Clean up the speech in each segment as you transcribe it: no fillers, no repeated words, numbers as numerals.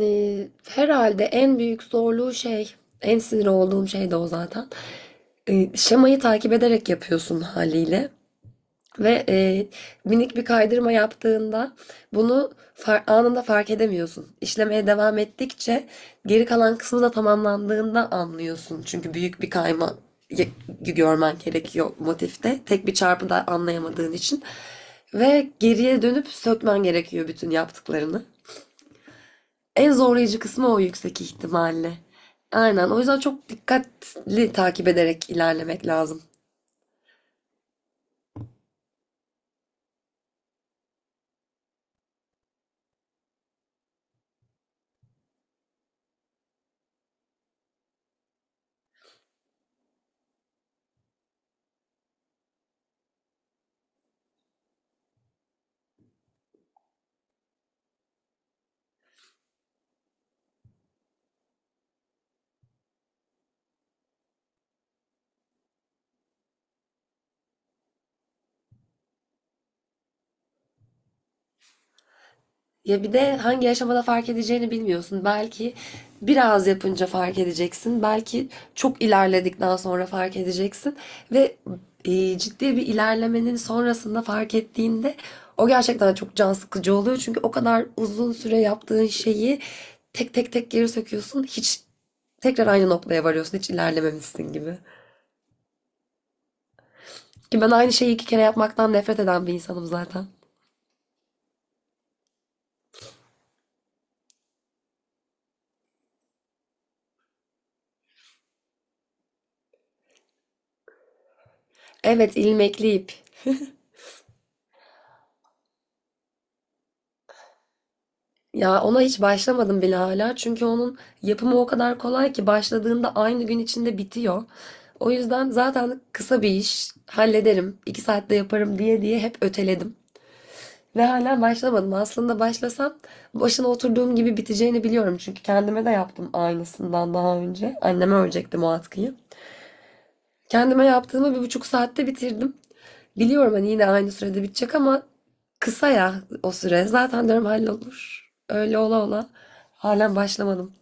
Herhalde en büyük zorluğu şey, en sinir olduğum şey de o zaten. Şemayı takip ederek yapıyorsun haliyle. Ve minik bir kaydırma yaptığında bunu anında fark edemiyorsun. İşlemeye devam ettikçe geri kalan kısmı da tamamlandığında anlıyorsun. Çünkü büyük bir kayma y- görmen gerekiyor motifte. Tek bir çarpıda anlayamadığın için. Ve geriye dönüp sökmen gerekiyor bütün yaptıklarını. En zorlayıcı kısmı o yüksek ihtimalle. Aynen. O yüzden çok dikkatli takip ederek ilerlemek lazım. Ya bir de hangi aşamada fark edeceğini bilmiyorsun. Belki biraz yapınca fark edeceksin. Belki çok ilerledikten sonra fark edeceksin. Ve ciddi bir ilerlemenin sonrasında fark ettiğinde o gerçekten çok can sıkıcı oluyor. Çünkü o kadar uzun süre yaptığın şeyi tek tek tek geri söküyorsun. Hiç tekrar aynı noktaya varıyorsun. Hiç ilerlememişsin gibi. Ki ben aynı şeyi iki kere yapmaktan nefret eden bir insanım zaten. Evet, ilmekli ip. Ya ona hiç başlamadım bile hala. Çünkü onun yapımı o kadar kolay ki başladığında aynı gün içinde bitiyor. O yüzden zaten kısa bir iş, hallederim, 2 saatte yaparım diye diye hep öteledim. Ve hala başlamadım. Aslında başlasam başına oturduğum gibi biteceğini biliyorum. Çünkü kendime de yaptım aynısından daha önce. Anneme örecektim o atkıyı. Kendime yaptığımı 1,5 saatte bitirdim. Biliyorum hani yine aynı sürede bitecek ama kısa ya o süre. Zaten diyorum hallolur. Öyle ola ola. Halen başlamadım.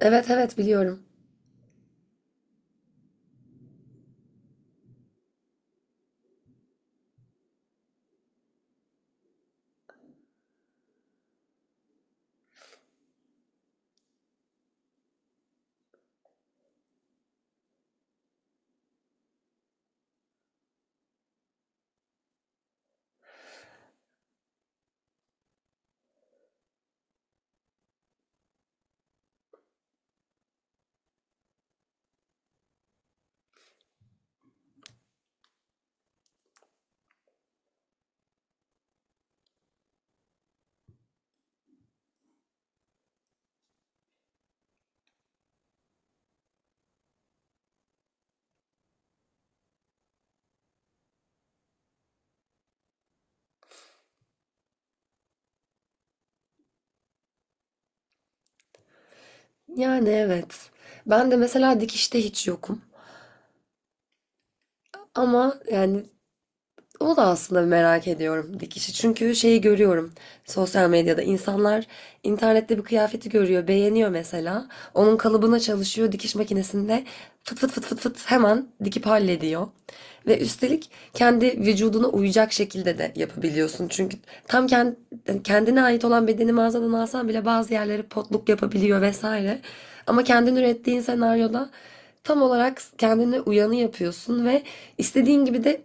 Evet evet biliyorum. Yani evet. Ben de mesela dikişte hiç yokum. Ama yani o da aslında merak ediyorum dikişi. Çünkü şeyi görüyorum sosyal medyada. İnsanlar internette bir kıyafeti görüyor, beğeniyor mesela. Onun kalıbına çalışıyor dikiş makinesinde fıt fıt fıt fıt fıt hemen dikip hallediyor. Ve üstelik kendi vücuduna uyacak şekilde de yapabiliyorsun. Çünkü tam kendine ait olan bedeni mağazadan alsan bile bazı yerleri potluk yapabiliyor vesaire. Ama kendin ürettiğin senaryoda tam olarak kendine uyanı yapıyorsun ve istediğin gibi de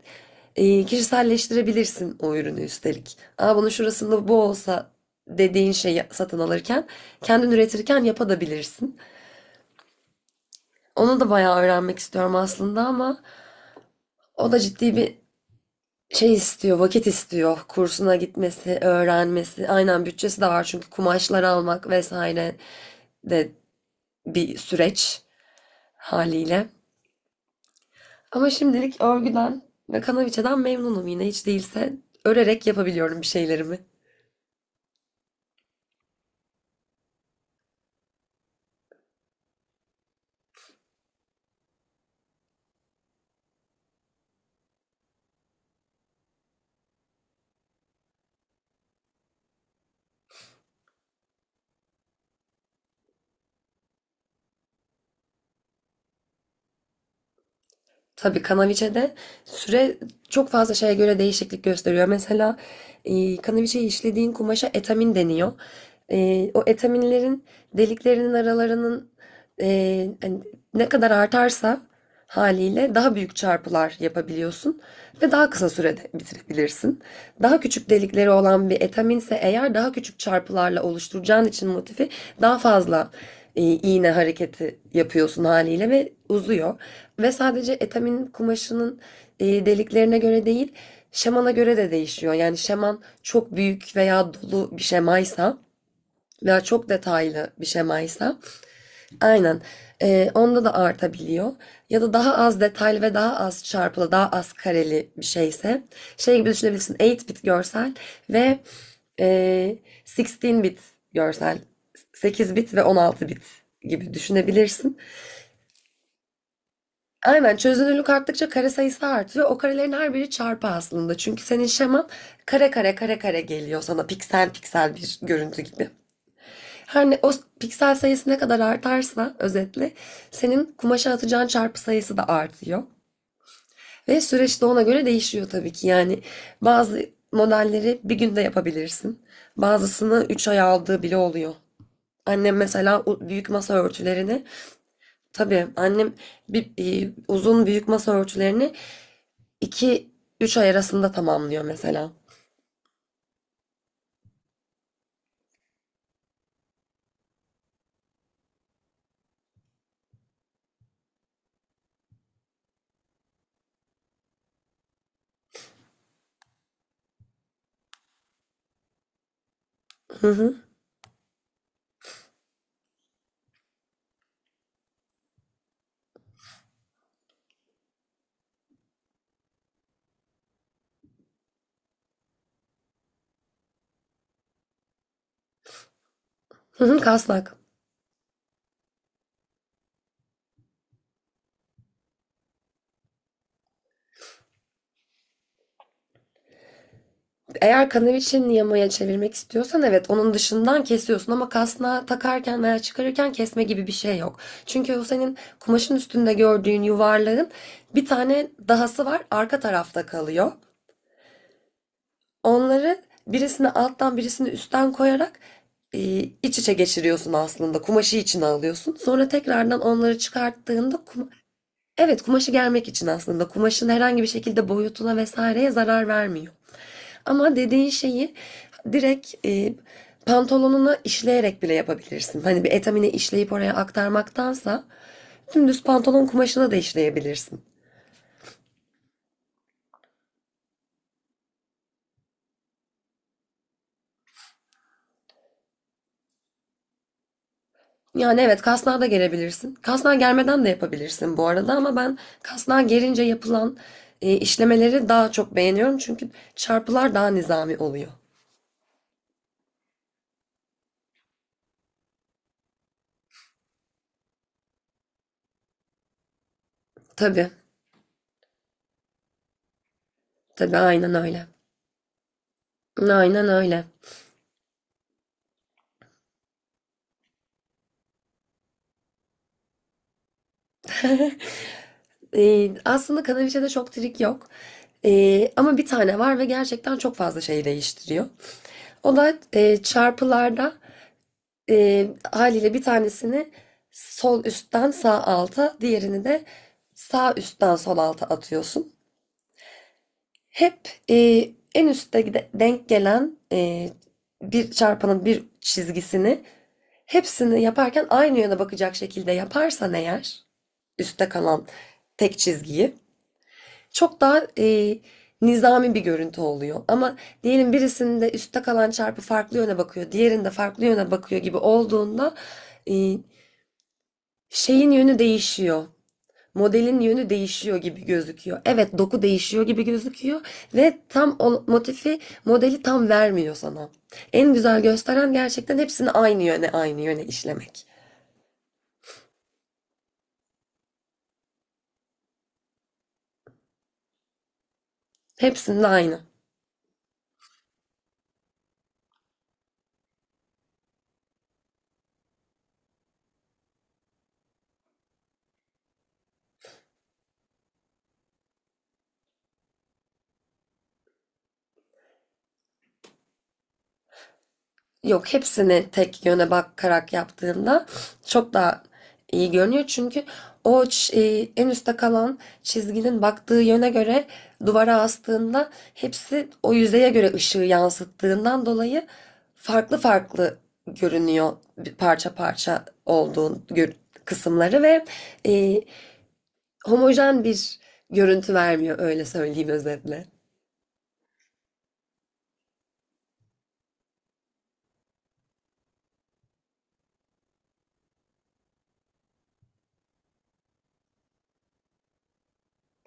kişiselleştirebilirsin o ürünü üstelik. Aa bunun şurasında bu olsa dediğin şeyi satın alırken kendin üretirken yapabilirsin. Onu da bayağı öğrenmek istiyorum aslında ama o da ciddi bir şey istiyor, vakit istiyor. Kursuna gitmesi, öğrenmesi. Aynen bütçesi de var çünkü kumaşlar almak vesaire de bir süreç haliyle. Ama şimdilik örgüden ve kanaviçeden memnunum yine hiç değilse örerek yapabiliyorum bir şeylerimi. Tabii Kanaviçe'de süre çok fazla şeye göre değişiklik gösteriyor. Mesela Kanaviçe'yi işlediğin kumaşa etamin deniyor. O etaminlerin deliklerinin aralarının hani ne kadar artarsa haliyle daha büyük çarpılar yapabiliyorsun ve daha kısa sürede bitirebilirsin. Daha küçük delikleri olan bir etaminse eğer daha küçük çarpılarla oluşturacağın için motifi daha fazla iğne hareketi yapıyorsun haliyle ve uzuyor. Ve sadece etamin kumaşının deliklerine göre değil, şemana göre de değişiyor. Yani şeman çok büyük veya dolu bir şemaysa veya çok detaylı bir şemaysa aynen onda da artabiliyor. Ya da daha az detaylı ve daha az çarpılı, daha az kareli bir şeyse şey gibi düşünebilirsin 8-bit görsel ve e, 16-bit görsel 8 bit ve 16-bit gibi düşünebilirsin. Aynen çözünürlük arttıkça kare sayısı artıyor. O karelerin her biri çarpı aslında. Çünkü senin şeman kare kare kare kare geliyor sana piksel piksel bir görüntü gibi. Her ne o piksel sayısı ne kadar artarsa özetle senin kumaşa atacağın çarpı sayısı da artıyor. Ve süreç de ona göre değişiyor tabii ki. Yani bazı modelleri bir günde yapabilirsin. Bazısını 3 ay aldığı bile oluyor. Annem mesela büyük masa örtülerini tabii annem bir, uzun büyük masa örtülerini 2 3 ay arasında tamamlıyor mesela. Hı hı. Hı hı, kasnak. Eğer kanaviçenin yamaya çevirmek istiyorsan evet onun dışından kesiyorsun ama kasnağı takarken veya çıkarırken kesme gibi bir şey yok. Çünkü o senin kumaşın üstünde gördüğün yuvarlağın bir tane dahası var arka tarafta kalıyor. Onları birisini alttan birisini üstten koyarak e, iç içe geçiriyorsun aslında. Kumaşı içine alıyorsun. Sonra tekrardan onları çıkarttığında. Evet, kumaşı germek için aslında. Kumaşın herhangi bir şekilde boyutuna vesaireye zarar vermiyor. Ama dediğin şeyi direkt pantolonuna işleyerek bile yapabilirsin. Hani bir etamine işleyip oraya aktarmaktansa dümdüz pantolon kumaşına da işleyebilirsin. Yani evet kasnağa da gerebilirsin. Kasnağa germeden de yapabilirsin bu arada ama ben kasnağa gerince yapılan işlemeleri daha çok beğeniyorum. Çünkü çarpılar daha nizami oluyor. Tabii, tabii aynen öyle. Aynen öyle. Aslında kanaliçede çok trik yok. Ama bir tane var ve gerçekten çok fazla şey değiştiriyor. O da çarpılarda haliyle bir tanesini sol üstten sağ alta, diğerini de sağ üstten sol alta atıyorsun. Hep en üstte denk gelen bir çarpanın bir çizgisini hepsini yaparken aynı yöne bakacak şekilde yaparsan eğer üstte kalan tek çizgiyi çok daha nizami bir görüntü oluyor. Ama diyelim birisinde üstte kalan çarpı farklı yöne bakıyor, diğerinde farklı yöne bakıyor gibi olduğunda e, şeyin yönü değişiyor. Modelin yönü değişiyor gibi gözüküyor. Evet, doku değişiyor gibi gözüküyor ve tam o motifi, modeli tam vermiyor sana. En güzel gösteren gerçekten hepsini aynı yöne, aynı yöne işlemek. Hepsinde aynı. Yok hepsini tek yöne bakarak yaptığında çok daha iyi görünüyor. Çünkü o en üstte kalan çizginin baktığı yöne göre duvara astığında hepsi o yüzeye göre ışığı yansıttığından dolayı farklı farklı görünüyor bir parça parça olduğu kısımları ve e, homojen bir görüntü vermiyor öyle söyleyeyim özetle.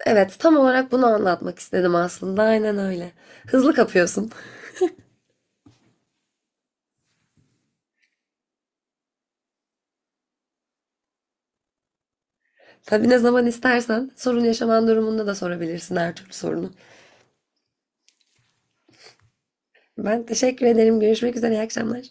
Evet tam olarak bunu anlatmak istedim aslında aynen öyle. Hızlı kapıyorsun. Tabii ne zaman istersen sorun yaşaman durumunda da sorabilirsin her türlü sorunu. Ben teşekkür ederim. Görüşmek üzere. İyi akşamlar.